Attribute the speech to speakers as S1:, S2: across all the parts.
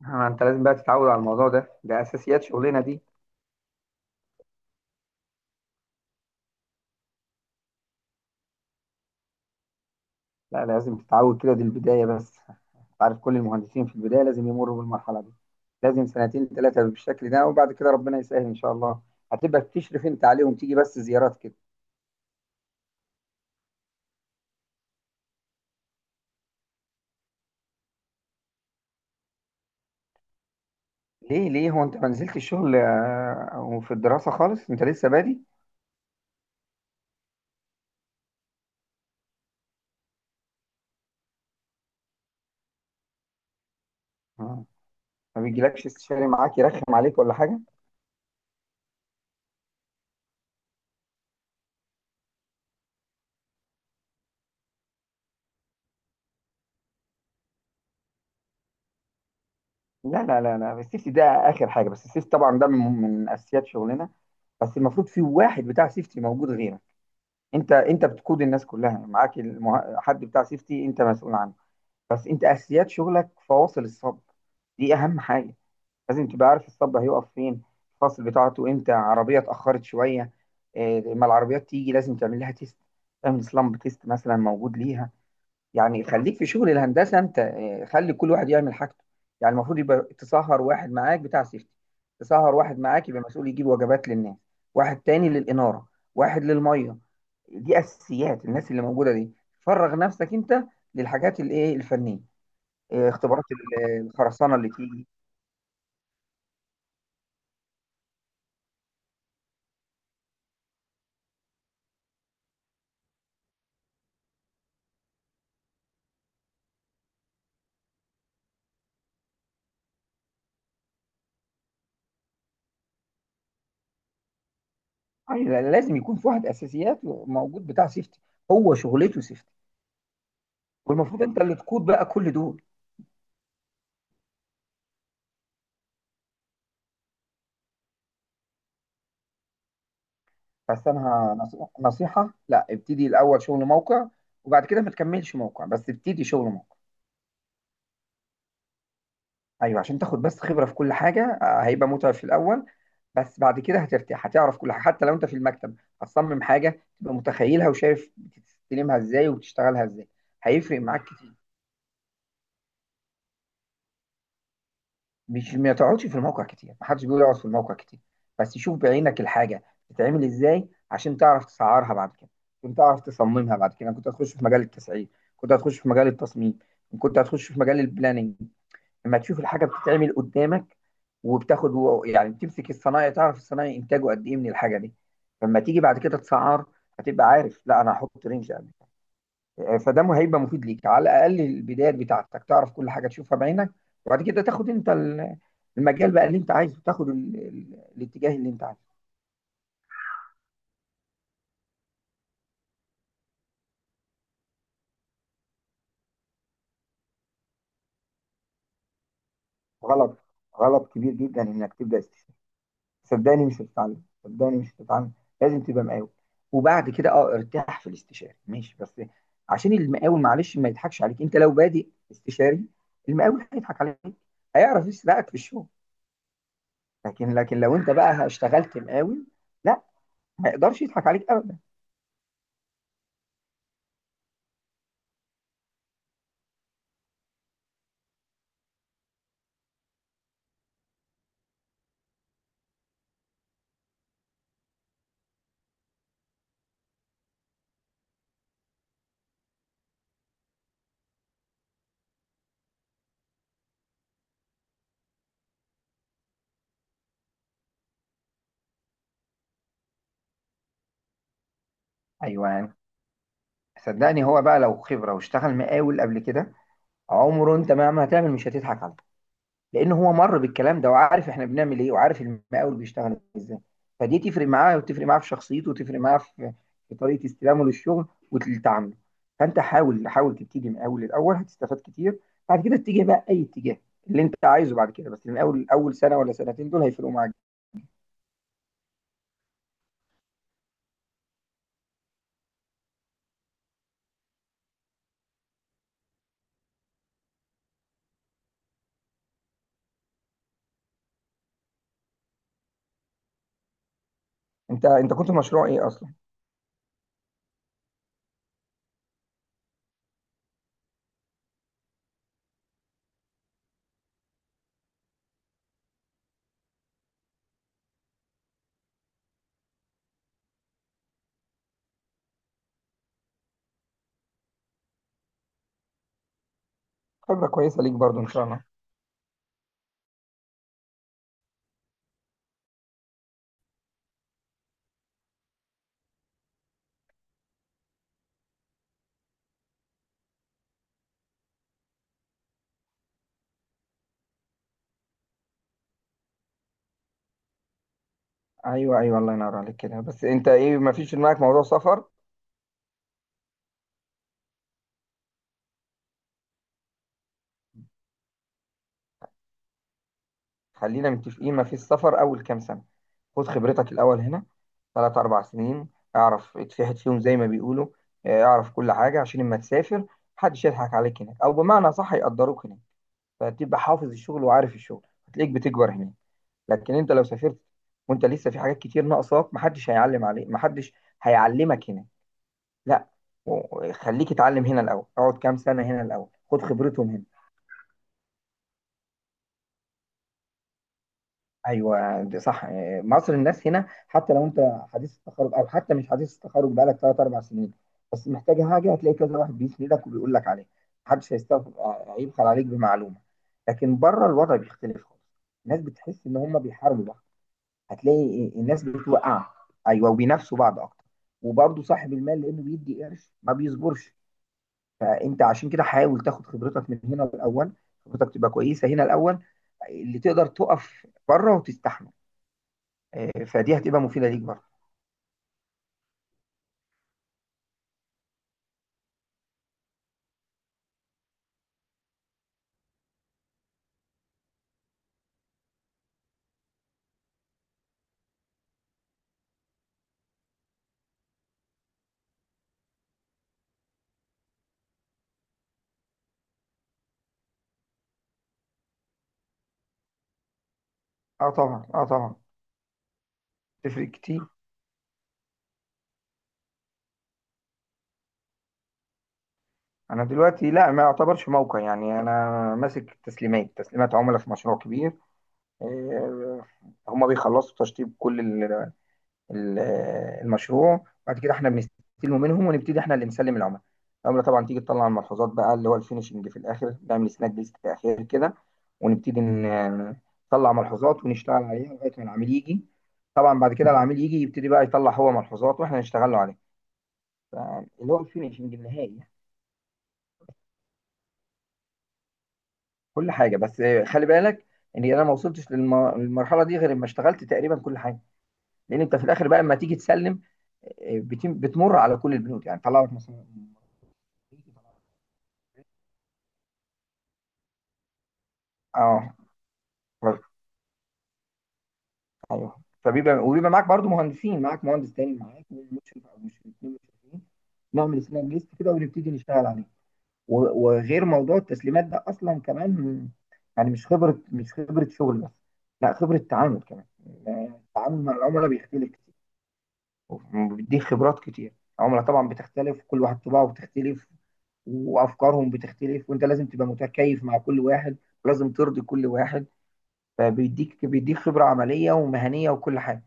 S1: ما انت لازم بقى تتعود على الموضوع ده. ده اساسيات شغلنا دي. لا، لازم تتعود كده. دي البدايه بس. انت عارف كل المهندسين في البدايه لازم يمروا بالمرحله دي. لازم سنتين ثلاثه بالشكل ده، وبعد كده ربنا يسهل ان شاء الله. هتبقى بتشرف انت عليهم، تيجي بس زيارات كده. ليه؟ هو انت ما نزلت الشغل وفي الدراسه خالص؟ انت لسه بادي. آه. ما بيجيلكش استشاري معاك يرخم عليك ولا حاجه؟ لا لا لا لا، السيفتي ده اخر حاجه. بس السيفتي طبعا ده من اساسيات شغلنا. بس المفروض في واحد بتاع سيفتي موجود غيرك. انت بتقود الناس كلها، يعني معاك حد بتاع سيفتي انت مسؤول عنه. بس انت اساسيات شغلك فواصل الصب. دي اهم حاجه. لازم تبقى عارف الصب هيقف فين. الفاصل بتاعته امتى، عربيه اتاخرت شويه. لما العربيات تيجي لازم تعمل لها تيست. تعمل سلامب تيست مثلا موجود ليها. يعني خليك في شغل الهندسه انت، خلي كل واحد يعمل حاجته. يعني المفروض يبقى تسهر واحد معاك بتاع سيفتي. تسهر واحد معاك يبقى مسؤول يجيب وجبات للناس. واحد تاني للاناره. واحد للميه. دي اساسيات الناس اللي موجوده دي. فرغ نفسك انت للحاجات الايه الفنيه. اختبارات الخرسانه اللي تيجي. يعني لازم يكون في واحد اساسيات موجود بتاع سيفتي. هو شغلته سيفتي. والمفروض انت اللي تقود بقى كل دول. بس انا نصيحه، لا، ابتدي الاول شغل موقع. وبعد كده ما تكملش موقع، بس ابتدي شغل موقع. ايوه، عشان تاخد بس خبره في كل حاجه. هيبقى متعب في الاول. بس بعد كده هترتاح، هتعرف كل حاجه حتى لو انت في المكتب. هتصمم حاجه تبقى متخيلها وشايف بتستلمها ازاي وبتشتغلها ازاي. هيفرق معاك كتير. مش ما تقعدش في الموقع كتير، محدش بيقول يقعد في الموقع كتير. بس شوف بعينك الحاجه بتتعمل ازاي، عشان تعرف تسعرها بعد كده. كنت تعرف تصممها بعد كده كنت هتخش في مجال التسعير. كنت هتخش في مجال التصميم. كنت هتخش في مجال البلاننج. لما تشوف الحاجه بتتعمل قدامك وبتاخد يعني بتمسك الصنايعي، تعرف الصنايعي انتاجه قد ايه من الحاجه دي. فلما تيجي بعد كده تسعر، هتبقى عارف لا انا هحط رينج. فده هيبقى مفيد ليك، على الاقل البدايات بتاعتك تعرف كل حاجه تشوفها بعينك. وبعد كده تاخد انت المجال بقى اللي انت عايزه، تاخد الاتجاه اللي انت عايزه. غلط. غلط كبير جدا انك تبدا استشفاء. صدقني مش هتتعلم. صدقني مش هتتعلم. لازم تبقى مقاول. وبعد كده ارتاح في الاستشاري ماشي، بس عشان المقاول معلش ما يضحكش عليك انت لو بادئ استشاري. المقاول هيضحك عليك. هيعرف يسرقك في الشغل. لكن لو انت بقى اشتغلت مقاول. لا، ما يقدرش يضحك عليك ابدا. ايوه صدقني هو بقى لو خبره واشتغل مقاول قبل كده، عمره انت مهما هتعمل مش هتضحك عليه. لان هو مر بالكلام ده وعارف احنا بنعمل ايه وعارف المقاول بيشتغل ازاي. فدي تفرق معاه وتفرق معاه في شخصيته وتفرق معاه في طريقه استلامه للشغل وتعامله. فانت حاول حاول تبتدي مقاول الاول، هتستفاد كتير. بعد كده اتجه بقى اي اتجاه اللي انت عايزه بعد كده. بس المقاول اول سنه ولا سنتين دول هيفرقوا معاك. انت كنت مشروع ايه اصلا؟ خبره كويسه ليك برضو ان شاء الله. ايوه، ايوه، الله ينور عليك كده. بس انت ايه، ما فيش في دماغك موضوع سفر؟ خلينا متفقين، ما فيش سفر اول كام سنه. خد خبرتك الاول هنا. 3-4 سنين. اعرف اتفحت فيهم زي ما بيقولوا. اه، اعرف كل حاجه عشان لما تسافر محدش يضحك عليك هناك، او بمعنى صح يقدروك هناك. فتبقى حافظ الشغل وعارف الشغل. هتلاقيك بتكبر هناك. لكن انت لو سافرت وانت لسه في حاجات كتير ناقصاك، محدش هيعلم عليك، محدش هيعلمك هناك. لا. خليك اتعلم هنا الاول، اقعد كام سنه هنا الاول، خد خبرتهم هنا. ايوه ده صح. مصر الناس هنا حتى لو انت حديث التخرج او حتى مش حديث التخرج بقالك 3-4 سنين، بس محتاج حاجه هتلاقي كذا واحد بيسندك وبيقول لك عليها. محدش هيستغفر، هيبخل عليك بمعلومه. لكن بره الوضع بيختلف خالص. الناس بتحس ان هم بيحاربوا بعض. هتلاقي الناس بتوقع. ايوه، وبينافسوا بعض اكتر. وبرضه صاحب المال لانه بيدي قرش ما بيصبرش. فانت عشان كده حاول تاخد خبرتك من هنا الاول، خبرتك تبقى كويسه هنا الاول، اللي تقدر تقف بره وتستحمل. فدي هتبقى مفيدة ليك برضه. اه طبعا، اه طبعا. تفرق كتير. انا دلوقتي، لا، ما يعتبرش موقع، يعني انا ماسك تسليمات عملاء في مشروع كبير. آه، هما بيخلصوا تشطيب كل ال- المشروع بعد كده احنا بنستلمه منهم ونبتدي احنا اللي نسلم العملاء. العملاء طبعا تيجي تطلع الملحوظات بقى، اللي هو الفينشنج في الاخر نعمل سناك ليست في الاخر كده. ونبتدي نطلع ملحوظات ونشتغل عليها لغايه ما العميل يجي. طبعا بعد كده العميل يجي يبتدي بقى يطلع هو ملحوظات واحنا نشتغل له عليها. اللي هو الفينشنج النهائي. كل حاجه. بس خلي بالك ان انا ما وصلتش للمرحله دي غير لما اشتغلت تقريبا كل حاجه. لان انت في الاخر بقى لما تيجي تسلم، بتمر على كل البنود يعني طلع لك مثلا. اه، برضه. ايوه، وبيبقى معاك برضو مهندسين، معاك مهندس تاني معاك ومشرف، او مش الاثنين مشرفين. نعمل سناب ليست كده ونبتدي نشتغل عليه. وغير موضوع التسليمات ده اصلا كمان. يعني مش خبره شغل بس. لا، خبره تعامل كمان. التعامل مع العملاء بيختلف كتير، وبيديك خبرات كتير. العملاء طبعا بتختلف، كل واحد طباعه بتختلف، وافكارهم بتختلف، وانت لازم تبقى متكيف مع كل واحد. لازم ترضي كل واحد. فبيديك خبره عمليه ومهنيه وكل حاجه.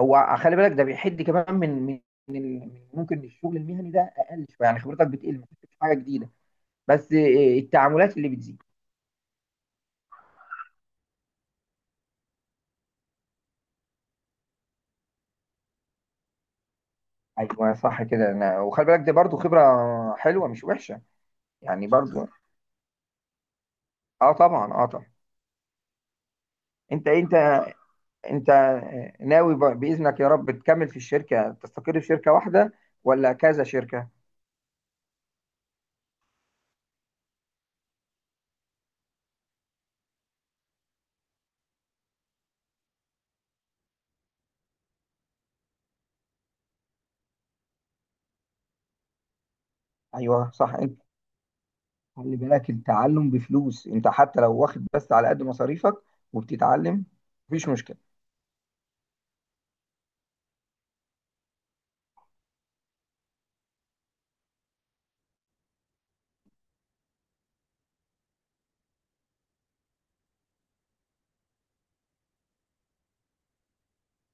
S1: هو خلي بالك ده بيحد كمان ممكن الشغل المهني ده اقل شويه، يعني خبرتك بتقل، ما بتكتسبش حاجه جديده. بس التعاملات اللي بتزيد. ايوه صح كده انا، وخلي بالك دي برضو خبره حلوه مش وحشه. يعني برضو. اه طبعا، اه طبعا. انت انت انت ناوي باذنك يا رب تكمل في الشركه، تستقر في شركه واحده، ولا كذا شركه؟ ايوه صح. انت خلي بالك التعلم بفلوس، انت حتى لو واخد بس على قد مصاريفك وبتتعلم مفيش مشكله.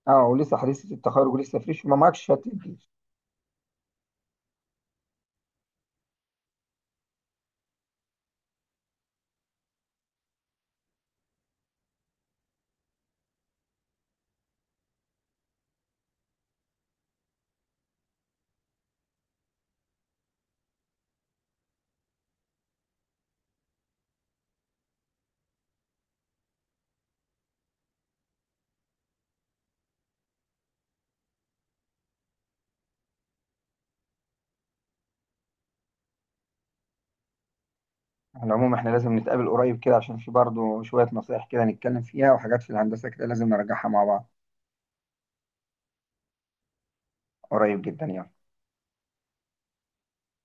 S1: اه، ولسه حديث التخرج، ولسه فريش، ما معكش شهاده. على العموم احنا لازم نتقابل قريب كده، عشان في برضه شوية نصايح كده نتكلم فيها، وحاجات في الهندسة كده لازم نرجعها مع بعض. قريب جدا يعني.